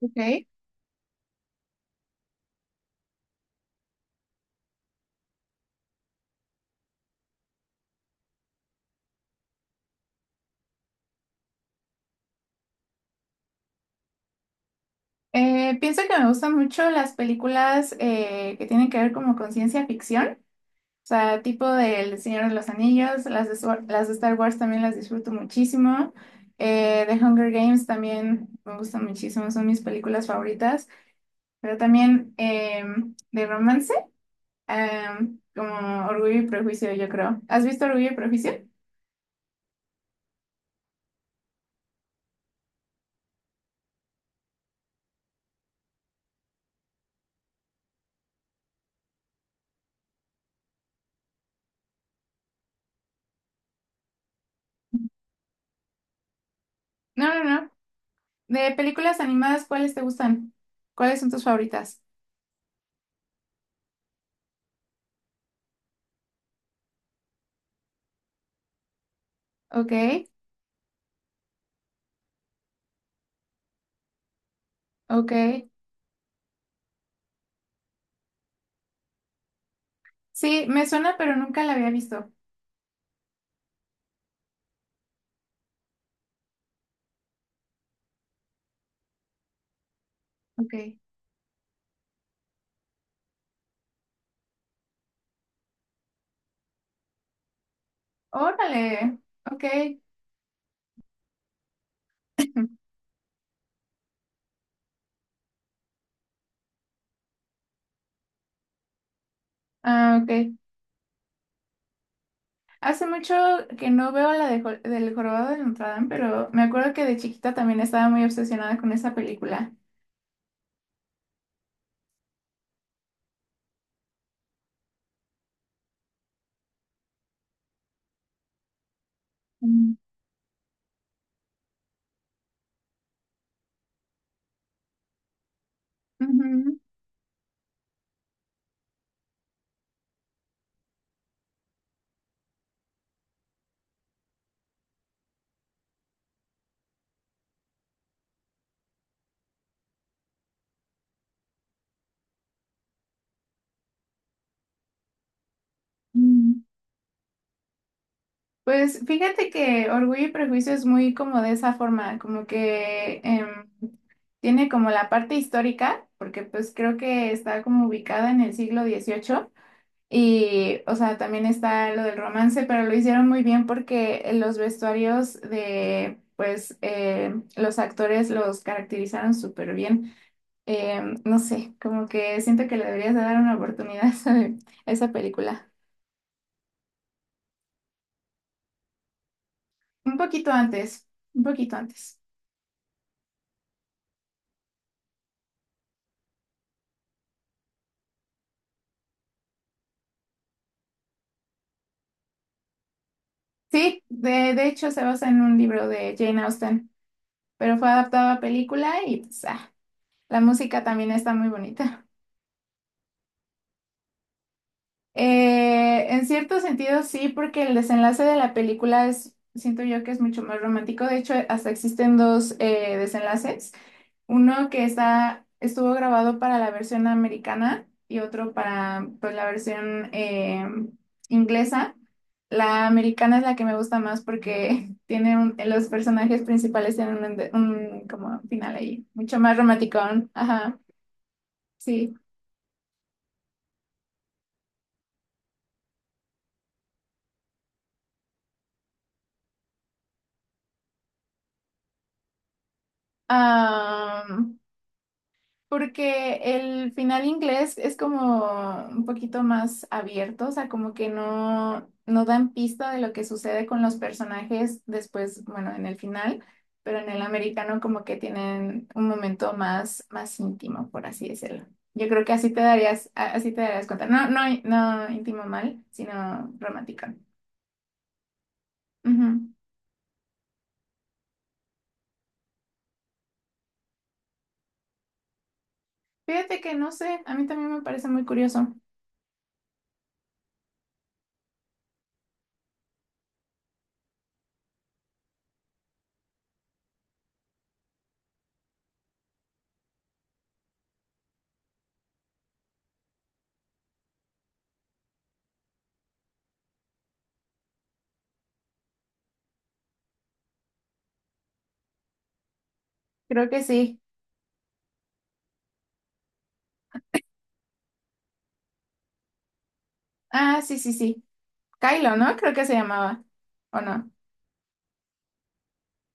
Ok. Pienso que me gustan mucho las películas que tienen que ver como con ciencia ficción, o sea, tipo del Señor de los Anillos, las de Star Wars también las disfruto muchísimo, The Hunger Games también me gustan muchísimo, son mis películas favoritas, pero también de romance, como Orgullo y Prejuicio, yo creo. ¿Has visto Orgullo y Prejuicio? No, no, no. De películas animadas, ¿cuáles te gustan? ¿Cuáles son tus favoritas? Ok, ok. Sí, me suena, pero nunca la había visto. Ok. Órale. Ok. Ah, ok. Hace mucho que no veo la del Jorobado de Notre Dame, pero me acuerdo que de chiquita también estaba muy obsesionada con esa película. Mm. Ujú. Mm. Pues fíjate que Orgullo y Prejuicio es muy como de esa forma, como que tiene como la parte histórica, porque pues creo que está como ubicada en el siglo dieciocho. Y, o sea, también está lo del romance, pero lo hicieron muy bien porque los vestuarios de, pues, los actores los caracterizaron súper bien. No sé, como que siento que le deberías de dar una oportunidad a esa película. Un poquito antes, un poquito antes. Sí, de hecho se basa en un libro de Jane Austen, pero fue adaptado a película y, pues, la música también está muy bonita. En cierto sentido sí, porque el desenlace de la película es, siento yo que es mucho más romántico. De hecho, hasta existen dos desenlaces. Uno que está, estuvo grabado para la versión americana y otro para pues, la versión inglesa. La americana es la que me gusta más porque tiene los personajes principales tienen un como final ahí, mucho más romántico. Ajá, sí. Porque el final inglés es como un poquito más abierto, o sea, como que no, no dan pista de lo que sucede con los personajes después, bueno, en el final, pero en el americano como que tienen un momento más íntimo, por así decirlo. Yo creo que así te darías cuenta. No, no, no íntimo mal, sino romántico. Ujú. Fíjate que no sé, a mí también me parece muy curioso. Creo que sí. Ah, sí, sí, sí. Kylo, ¿no? Creo que se llamaba, ¿o no?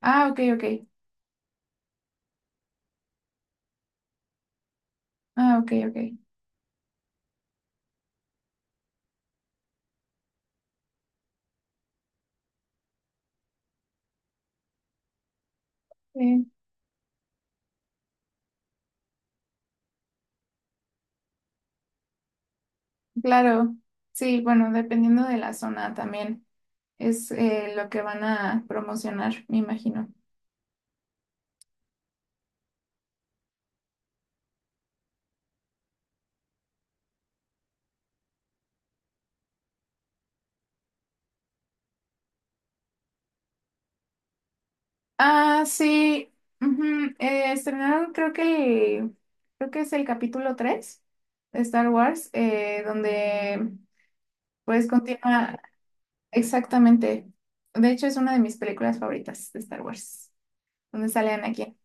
Ah, ok, ok. Ah, ok, ok. Eh, claro, sí, bueno, dependiendo de la zona también es lo que van a promocionar, me imagino. Ah, sí. Ujú, estrenaron, creo que es el capítulo 3 de Star Wars, donde pues continúa exactamente. De hecho, es una de mis películas favoritas de Star Wars, donde sale Anakin.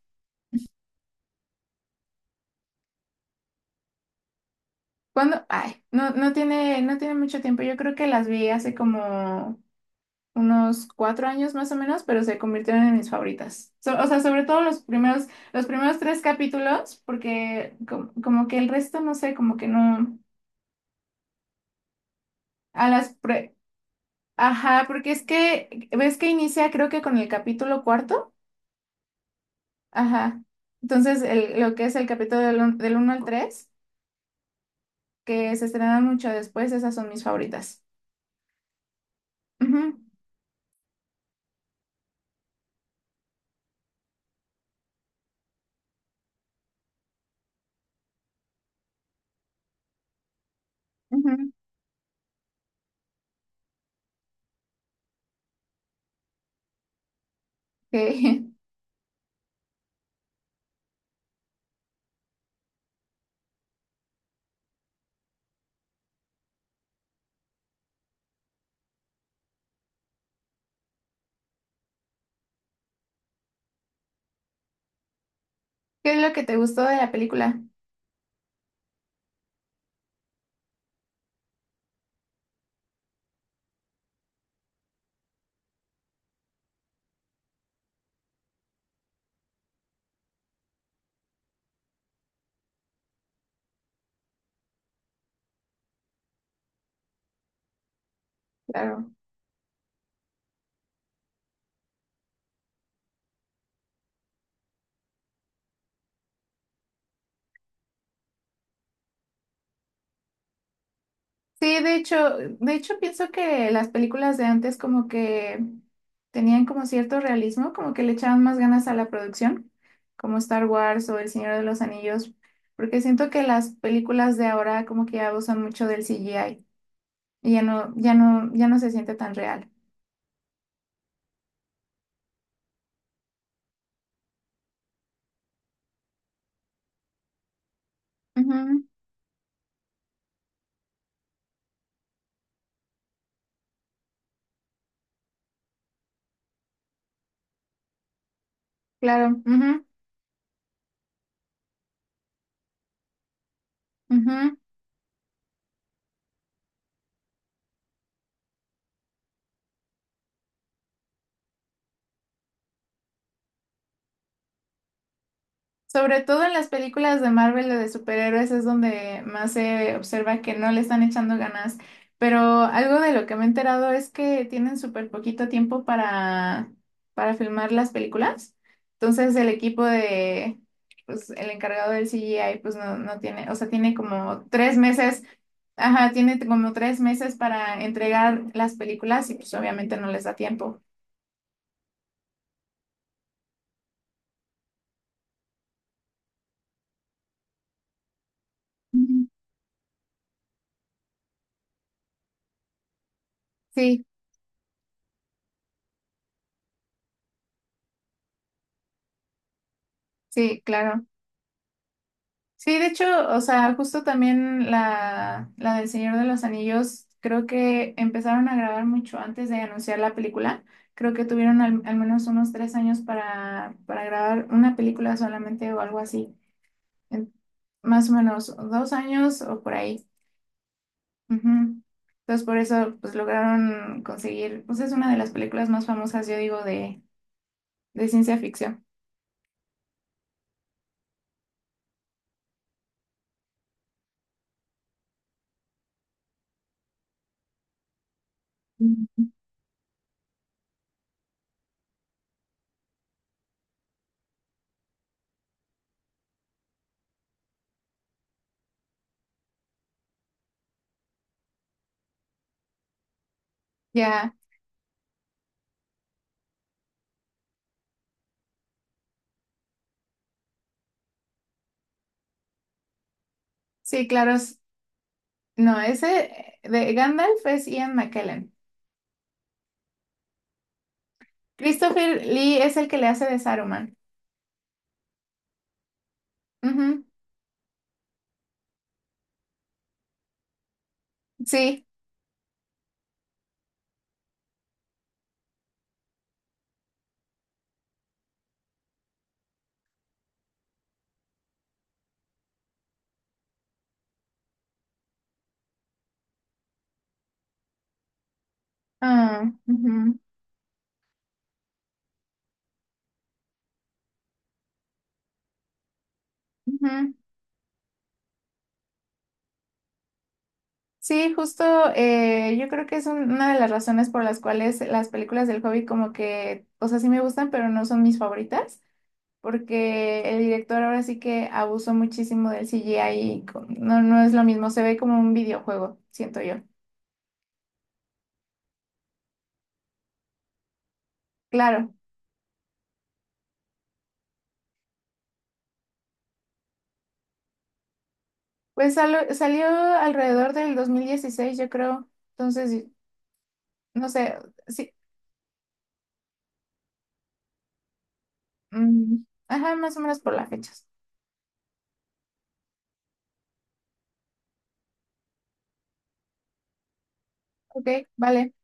¿Cuándo? Ay, no, no tiene mucho tiempo. Yo creo que las vi hace como unos 4 años más o menos, pero se convirtieron en mis favoritas. O sea, sobre todo los primeros, tres capítulos, porque como que el resto, no sé, como que no, a las pre- ajá, porque es que, ves que inicia creo que con el capítulo cuarto, ajá. Entonces, lo que es el capítulo del uno al 3 que se estrenan mucho después, esas son mis favoritas. Ujú, ujú. ¿Qué, ¿qué es lo que te gustó de la película? Claro. Sí, de hecho pienso que las películas de antes como que tenían como cierto realismo, como que le echaban más ganas a la producción, como Star Wars o El Señor de los Anillos, porque siento que las películas de ahora como que ya usan mucho del CGI y ya no se siente tan real. Ujú, claro. Ujú, ujú. Sobre todo en las películas de Marvel o de superhéroes es donde más se observa que no le están echando ganas. Pero algo de lo que me he enterado es que tienen súper poquito tiempo para, filmar las películas. Entonces el equipo de, pues el encargado del CGI, pues no, no tiene, o sea, tiene como 3 meses, ajá, tiene como 3 meses para entregar las películas y pues obviamente no les da tiempo. Ujú. Sí, sí, claro. Sí, de hecho, o sea, justo también la del Señor de los Anillos, creo que empezaron a grabar mucho antes de anunciar la película. Creo que tuvieron al menos unos 3 años para grabar una película solamente o algo así. En- más o menos 2 años o por ahí. Ujú. Entonces, por eso, pues lograron conseguir, pues es una de las películas más famosas, yo digo, de ciencia ficción. Mm. Ya, sí, claro. No, ese de Gandalf es Ian McKellen. Christopher Lee es el que le hace de Saruman. Ujú, sí. Ah, ujú, ujú. Sí, justo yo creo que es una de las razones por las cuales las películas del Hobbit como que, o sea, sí me gustan, pero no son mis favoritas, porque el director ahora sí que abusó muchísimo del CGI y no, no es lo mismo, se ve como un videojuego, siento yo. Claro, pues salió alrededor del 2016, yo creo, entonces, no sé. Sí, mm, ajá, más o menos por las fechas. Ok, vale.